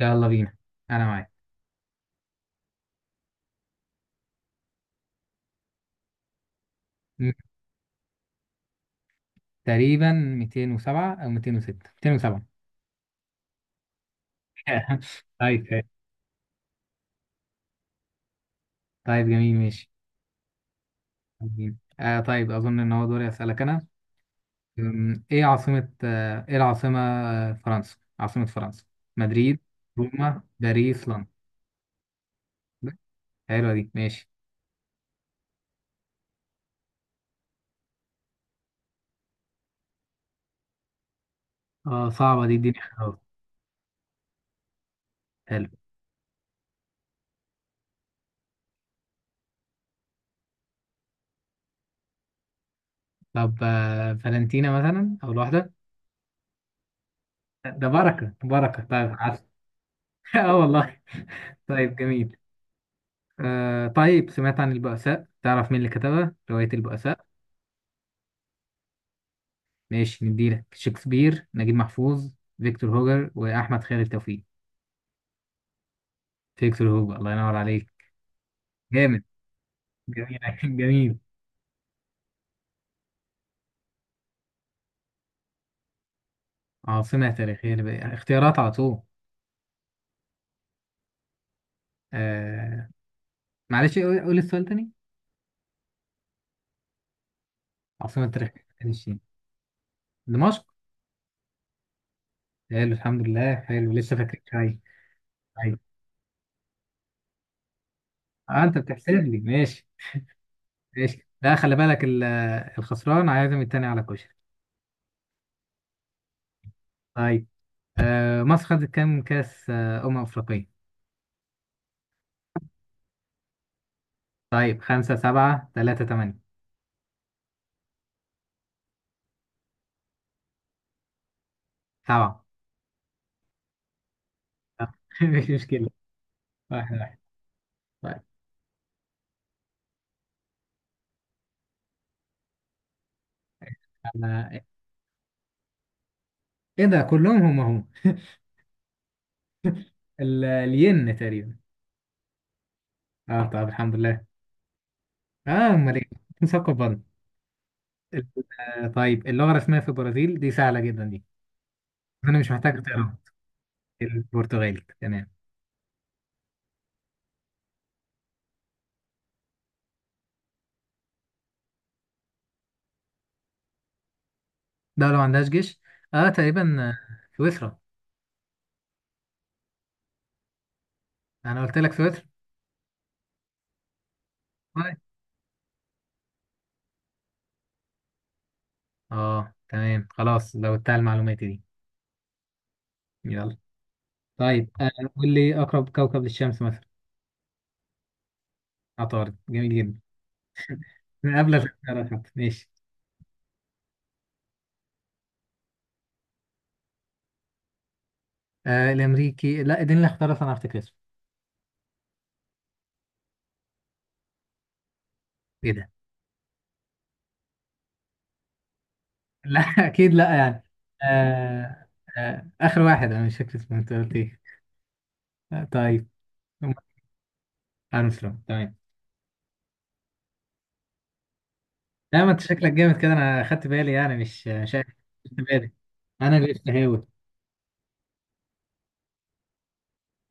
يلا بينا. انا معاك. م- تقريبا 207 او 206 207. طيب طيب، جميل ماشي. جميل. طيب، اظن ان هو دوري اسالك انا. ايه العاصمة فرنسا؟ عاصمة فرنسا: مدريد، روما، باريس، لندن. حلوة دي، ماشي. اه، صعبة دي، اديني اختيارات. حلو. طب فالنتينا مثلا، اول واحدة. ده بركة بركة، طيب عارف. اه والله. طيب جميل. طيب، سمعت عن البؤساء؟ تعرف مين اللي كتبها رواية البؤساء؟ ماشي نديلك: شكسبير، نجيب محفوظ، فيكتور هوجر، وأحمد خالد توفيق. فيكتور هوجر، الله ينور عليك. جامد. جميل، جميل. عاصمة تاريخية لبقى. اختيارات على طول. آه معلش، قول السؤال تاني. عاصمة تاريخية للشين. دمشق. حلو الحمد لله، حلو، لسه فاكرين شوية. أيوة. آه أنت بتحسب لي، ماشي ماشي. لا خلي بالك، الخسران عازم التاني على كشري. طيب. مصر خدت كام كأس أمم أفريقية؟ طيب خمسة، سبعة، تلاتة، تمانية. سبعة. مش مشكلة. واحد واحد. طيب. أنا؟ إيه ده؟ كلهم هم هم. الين تقريبا. أه طب الحمد لله. أه أمال إيه، مثقف برضه. ال- طيب، اللغة الرسمية في البرازيل، دي سهلة جدا دي. أنا مش محتاج أقرأها. البرتغالي، تمام. دولة ما عندهاش جيش. أه تقريبا، سويسرا. أنا قلت لك سويسرا. طيب. أه تمام خلاص، لو بتاع المعلومات دي. يلا. طيب، قول لي أقرب كوكب للشمس مثلا. عطارد، جميل جدا. من قبل الاختيارات حتى، ماشي. الأمريكي، لا اديني الاختيارات، أنا أفتكر اسمه. إيه ده؟ لا، أكيد لا يعني. آه. آخر واحد أنا مش فاكر اسمه، أنت قلت إيه؟ طيب. أرمسترونج، تمام. لا، ما أنت شكلك جامد كده، أنا خدت بالي يعني، مش عارف. خدت بالي. أنا اللي استهاوي.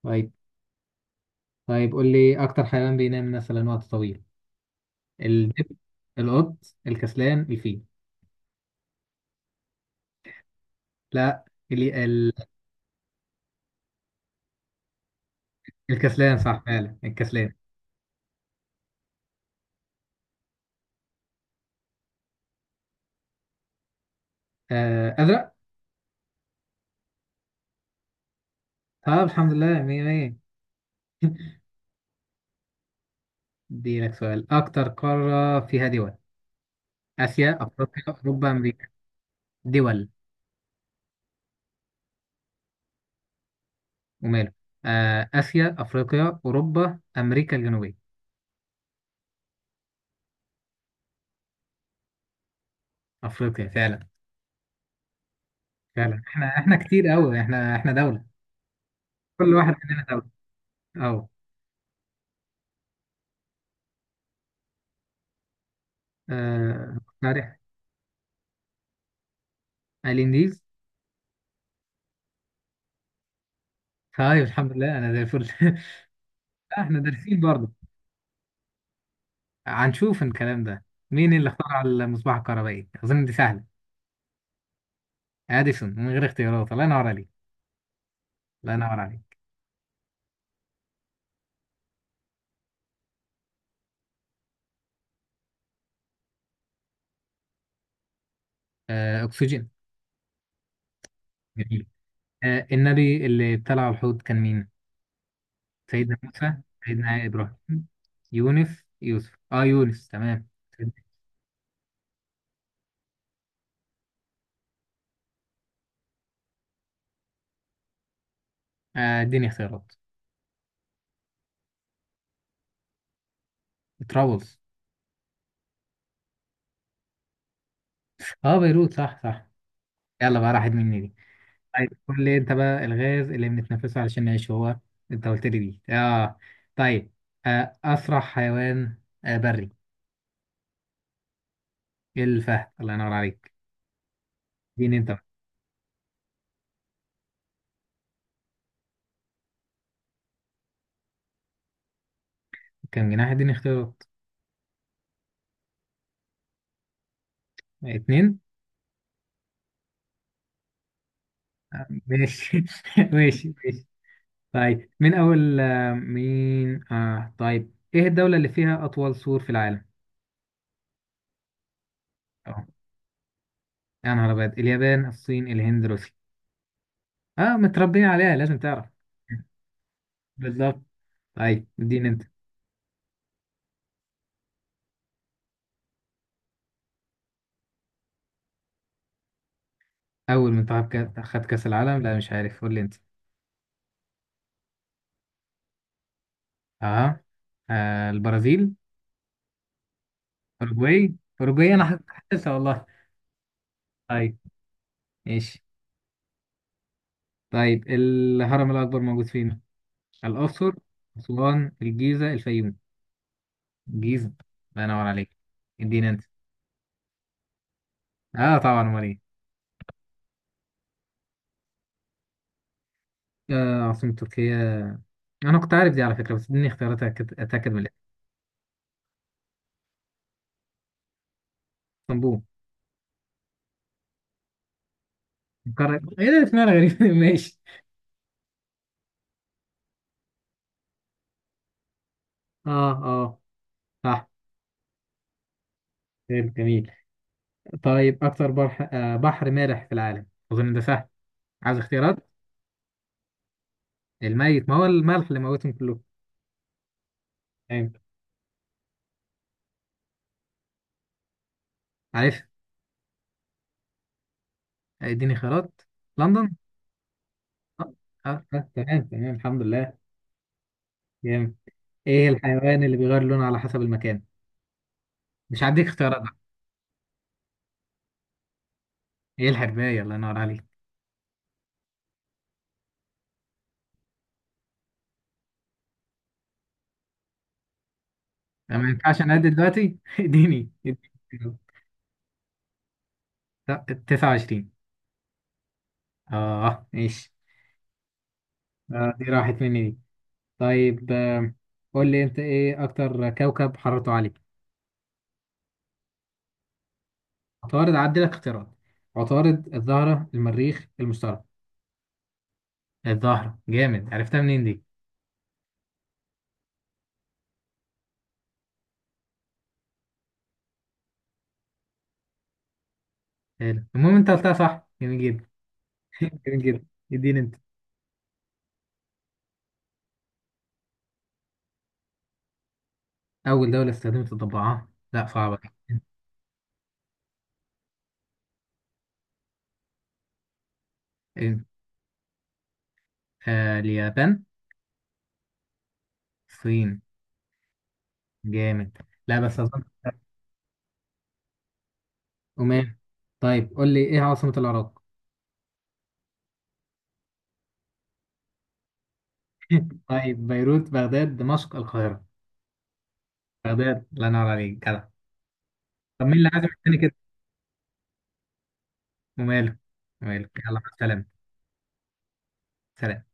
طيب. طيب قول لي أكتر حيوان بينام مثلا وقت طويل. الدب، القط، الكسلان، الفيل. لا، الكسلان صح فعلا، الكسلان. آه أزرق. طب الحمد لله، مية مية. دي لك سؤال: أكتر قارة فيها دول؟ آسيا، أفريقيا، أوروبا، أمريكا. دول. وماله. آه آسيا، أفريقيا، أوروبا، أمريكا الجنوبية. أفريقيا فعلا. فعلا، إحنا كتير أوي، إحنا دولة. كل واحد مننا دولة. أهو. آه، صحيح. الانديز. طيب الحمد لله، أنا زي الفل. إحنا دارسين برضه، هنشوف الكلام ده. مين اللي اخترع المصباح الكهربائي؟ أظن دي سهلة. اديسون، من غير اختيارات، الله ينور عليك. الله ينور عليك. آه اكسجين. جميل. آه النبي اللي ابتلع الحوت كان مين؟ سيدنا موسى، سيدنا ابراهيم، يونس، يوسف. اه يونس، تمام. اديني اختيارات. ترابلز. اه بيروت، صح صح. يلا بقى، راحت مني دي. طيب قول لي انت بقى، الغاز اللي بنتنفسه علشان نعيش هو، انت قلت لي دي، اه. طيب اسرع حيوان بري. الفهد، الله ينور عليك. اديني انت. كم جناح؟ اديني اختيارات. اتنين. ماشي. ماشي ماشي. طيب، من أول آه، مين آه طيب إيه الدولة اللي فيها أطول سور في العالم؟ أه، يا نهار أبيض: اليابان، الصين، الهند، روسيا. أه متربيين عليها لازم تعرف. بالظبط. طيب، اديني أنت. أول منتخب خد كأس العالم؟ لا مش عارف، قول لي أنت. أه، البرازيل. أوروجواي. أوروجواي، أنا حاسسها والله. طيب. ماشي. طيب الهرم الأكبر موجود فين؟ الأقصر، أسوان، الجيزة، الفيوم. جيزة، الله ينور عليك. اديني انت. اه طبعا، امال ايه. آه عاصمة تركيا. انا كنت عارف دي على فكرة، بس اديني اختيارات اتاكد، أتأكد من الاسم. اسطنبول. القارة ايه ده، اسمها غريب. ماشي. اه اه، صح. حلو، جميل. طيب اكتر بحر، بحر مالح في العالم؟ اظن ده سهل. عايز اختيارات. الميت، ما هو الملح اللي موتهم كلهم. تمام. عارف. اديني خيارات. لندن. اه اه، تمام تمام الحمد لله. جامد. ايه الحيوان اللي بيغير لونه على حسب المكان؟ مش هديك اختيارات. ايه الحرباية، الله ينور عليك. أنا ما ينفعش انا أعد دلوقتي، اديني اديني. لا 29. اه ماشي. آه دي راحت مني دي. طيب آه قول لي انت ايه اكتر كوكب حرارته عالية. عطارد؟ عدي لك اختيارات. عطارد، الزهرة، المريخ، المشتري. الزهرة، جامد، عرفتها منين دي. حلو. المهم انت قلتها صح، جميل جدا. جميل جدا. اديني انت. اول دولة استخدمت الضبعة؟ لا صعبة دي. إيه؟ اليابان، الصين. جامد. لا بس اظن. عمان. طيب قول لي ايه عاصمة العراق؟ طيب بيروت، بغداد، دمشق، القاهرة. بغداد، الله ينور عليك، جدع. طب مين اللي عازم التاني كده. وماله. وماله، يلا مع السلامة. سلام.